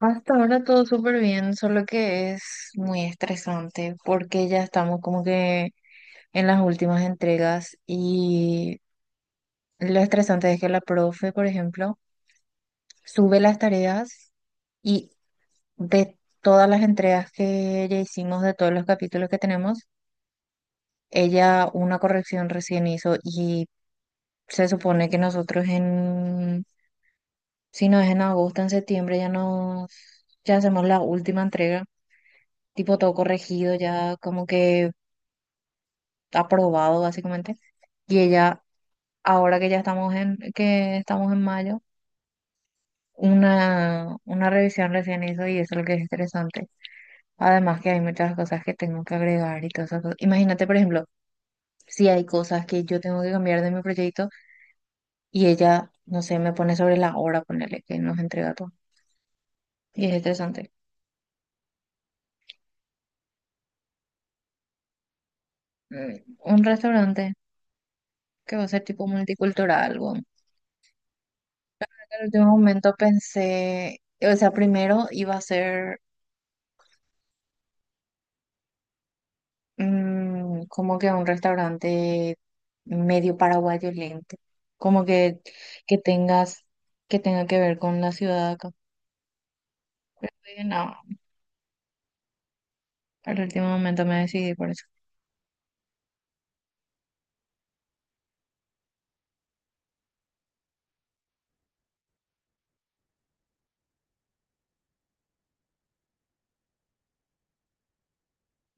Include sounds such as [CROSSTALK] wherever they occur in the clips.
Hasta ahora todo súper bien, solo que es muy estresante porque ya estamos como que en las últimas entregas y lo estresante es que la profe, por ejemplo, sube las tareas y de todas las entregas que ya hicimos, de todos los capítulos que tenemos, ella una corrección recién hizo y se supone que nosotros si no es en agosto, en septiembre ya ya hacemos la última entrega tipo todo corregido, ya como que aprobado básicamente. Y ella, ahora que ya que estamos en mayo, una revisión recién hizo y eso es lo que es interesante. Además que hay muchas cosas que tengo que agregar y todas esas cosas. Imagínate, por ejemplo, si hay cosas que yo tengo que cambiar de mi proyecto y ella, no sé, me pone sobre la hora, ponerle que nos entrega todo. Y es interesante. Mm, Un restaurante que va a ser tipo multicultural, bueno. En el último momento pensé, o sea, primero iba a ser como que un restaurante medio paraguayo lento, como que tengas, que tenga que ver con la ciudad de acá. Y no, al último momento me decidí por eso.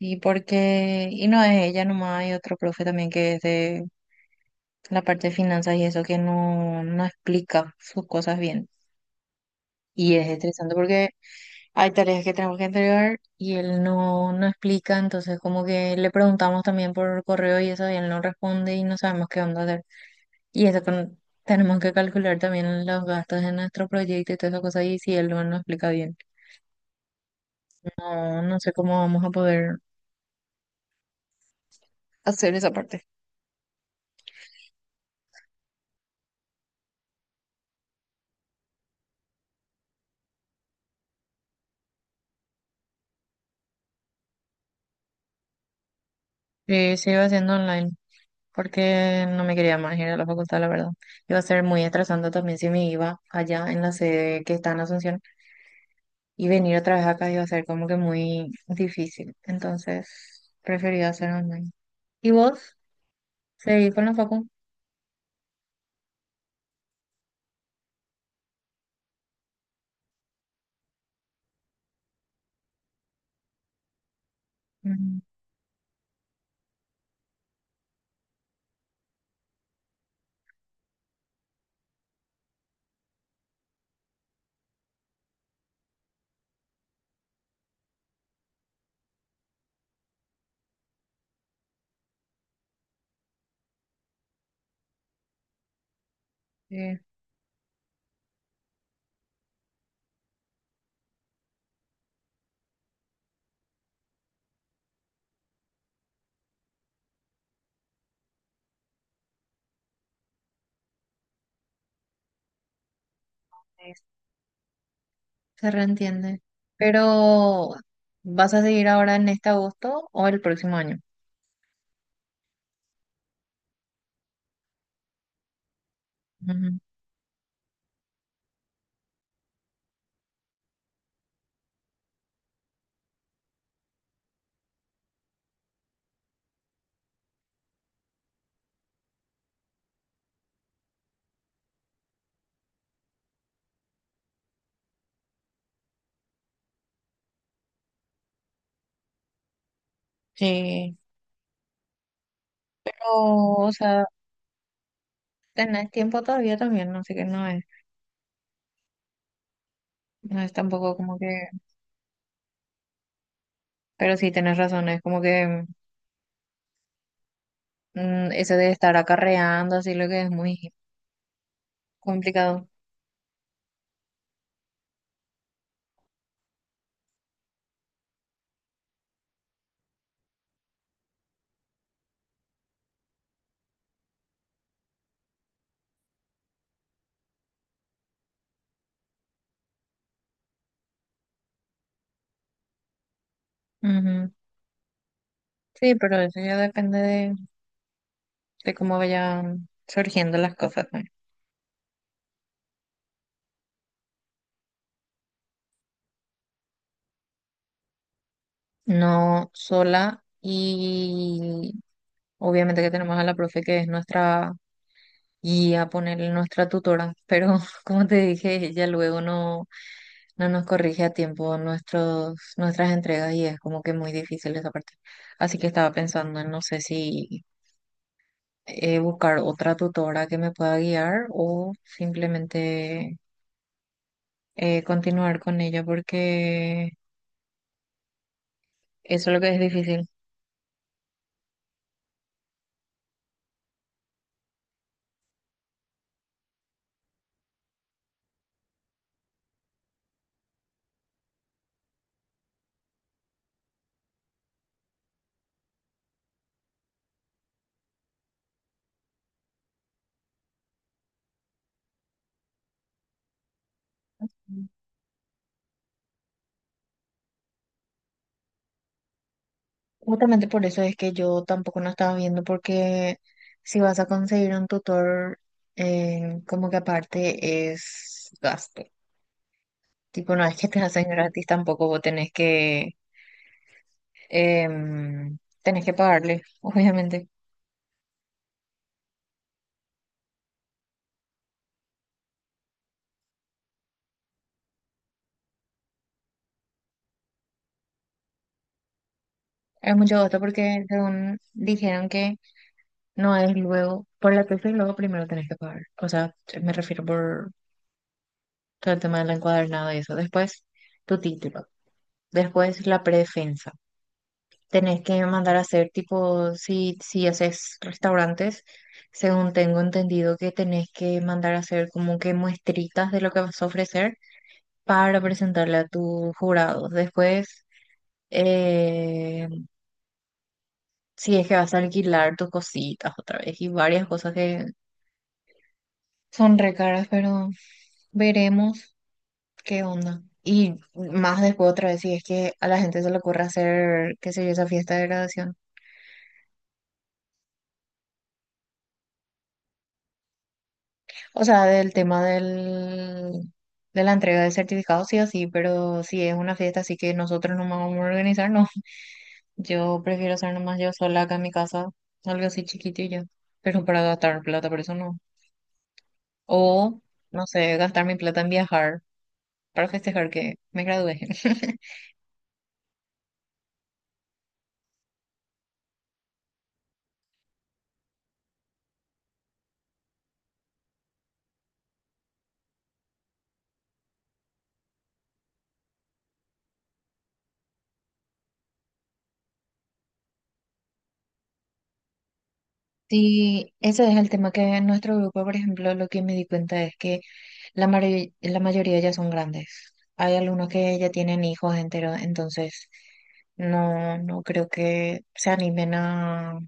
Y porque, y no es ella nomás, hay otro profe también que es de la parte de finanzas y eso que no explica sus cosas bien. Y es estresante porque hay tareas que tenemos que entregar y él no explica, entonces como que le preguntamos también por correo y eso y él no responde y no sabemos qué onda hacer. Y eso tenemos que calcular también los gastos de nuestro proyecto y todas esas cosas, y si él no nos explica bien. No sé cómo vamos a poder hacer esa parte. Sí, se iba haciendo online, porque no me quería más ir a la facultad, la verdad. Iba a ser muy atrasante también si me iba allá en la sede que está en Asunción, y venir otra vez acá iba a ser como que muy difícil. Entonces, prefería hacer online. ¿Y vos? ¿Seguís con la facu? Ujú, sí. Se reentiende. Pero, ¿vas a seguir ahora en este agosto o el próximo año? Ujú. Sí. O sea, tenés tiempo todavía también, así que no es, no es tampoco como que, pero sí tenés razón, es como que mm, eso de estar acarreando, así lo que es muy complicado. Ujú. Sí, pero eso ya depende de cómo vayan surgiendo las cosas, ¿no? No sola y obviamente que tenemos a la profe que es nuestra y a ponerle nuestra tutora, pero [LAUGHS] como te dije, ella luego no nos corrige a tiempo nuestras entregas y es como que muy difícil esa parte. Así que estaba pensando en no sé si buscar otra tutora que me pueda guiar o simplemente continuar con ella porque eso es lo que es difícil. Justamente por eso es que yo tampoco no estaba viendo, porque si vas a conseguir un tutor, como que aparte es gasto. Tipo, no es que te hacen gratis tampoco, vos tenés que, em, tenés que pagarle, [LAUGHS] obviamente. Es mucho gasto porque según dijeron que no es luego, por la tesis luego primero tenés que pagar. O sea, me refiero por todo el tema del encuadernado y eso. Después, tu título. Después, la predefensa. Tenés que mandar a hacer tipo, si haces restaurantes, según tengo entendido que tenés que mandar a hacer como que muestritas de lo que vas a ofrecer para presentarle a tus jurados. Después, eh, si es que vas a alquilar tus cositas otra vez y varias cosas que son re caras, pero veremos qué onda. Y más después otra vez, si es que a la gente se le ocurre hacer, qué sé yo, esa fiesta de graduación. O sea, del tema del, de la entrega de certificados, sí o sí, pero si es una fiesta así que nosotros no vamos a organizar, no. [LAUGHS] Yo prefiero hacer nomás yo sola acá en mi casa, algo así chiquito y ya. Pero para gastar plata, por eso no. O, no sé, gastar mi plata en viajar para festejar que me gradué. [LAUGHS] Sí, ese es el tema que en nuestro grupo, por ejemplo, lo que me di cuenta es que la mayoría ya son grandes. Hay algunos que ya tienen hijos enteros, entonces no, no creo que se animen a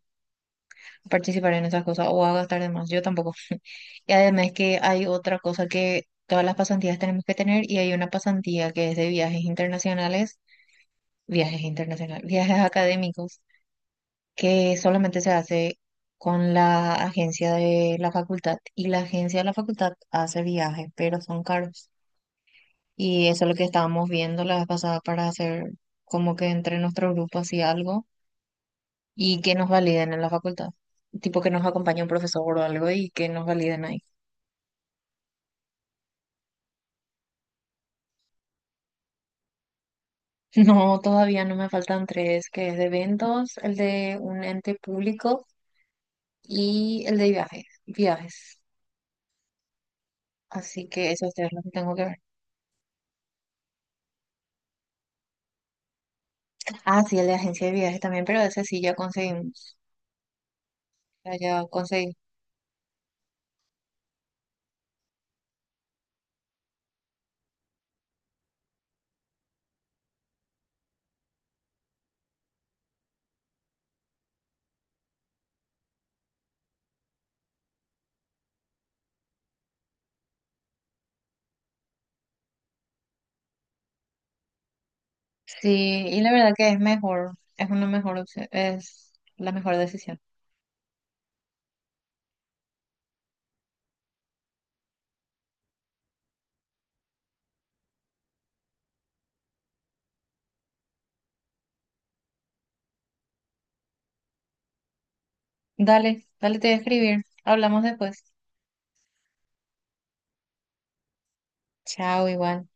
participar en esas cosas o a gastar de más. Yo tampoco. [LAUGHS] Y además que hay otra cosa que todas las pasantías tenemos que tener y hay una pasantía que es de viajes internacionales, [LAUGHS] viajes académicos que solamente se hace con la agencia de la facultad y la agencia de la facultad hace viajes, pero son caros. Y eso es lo que estábamos viendo la vez pasada para hacer como que entre nuestro grupo así algo y que nos validen en la facultad. Tipo que nos acompañe un profesor o algo y que nos validen ahí. [LAUGHS] No, todavía no me faltan tres, que es de eventos, el de un ente público y el de viajes, viajes. Así que eso es lo que tengo que ver. Ah, sí, el de agencia de viajes también, pero ese sí ya conseguimos. Ya, ya conseguí. Sí, y la verdad que es mejor, es una mejor opción, es la mejor decisión. Dale, dale, te voy a escribir. Hablamos después. Chao, igual.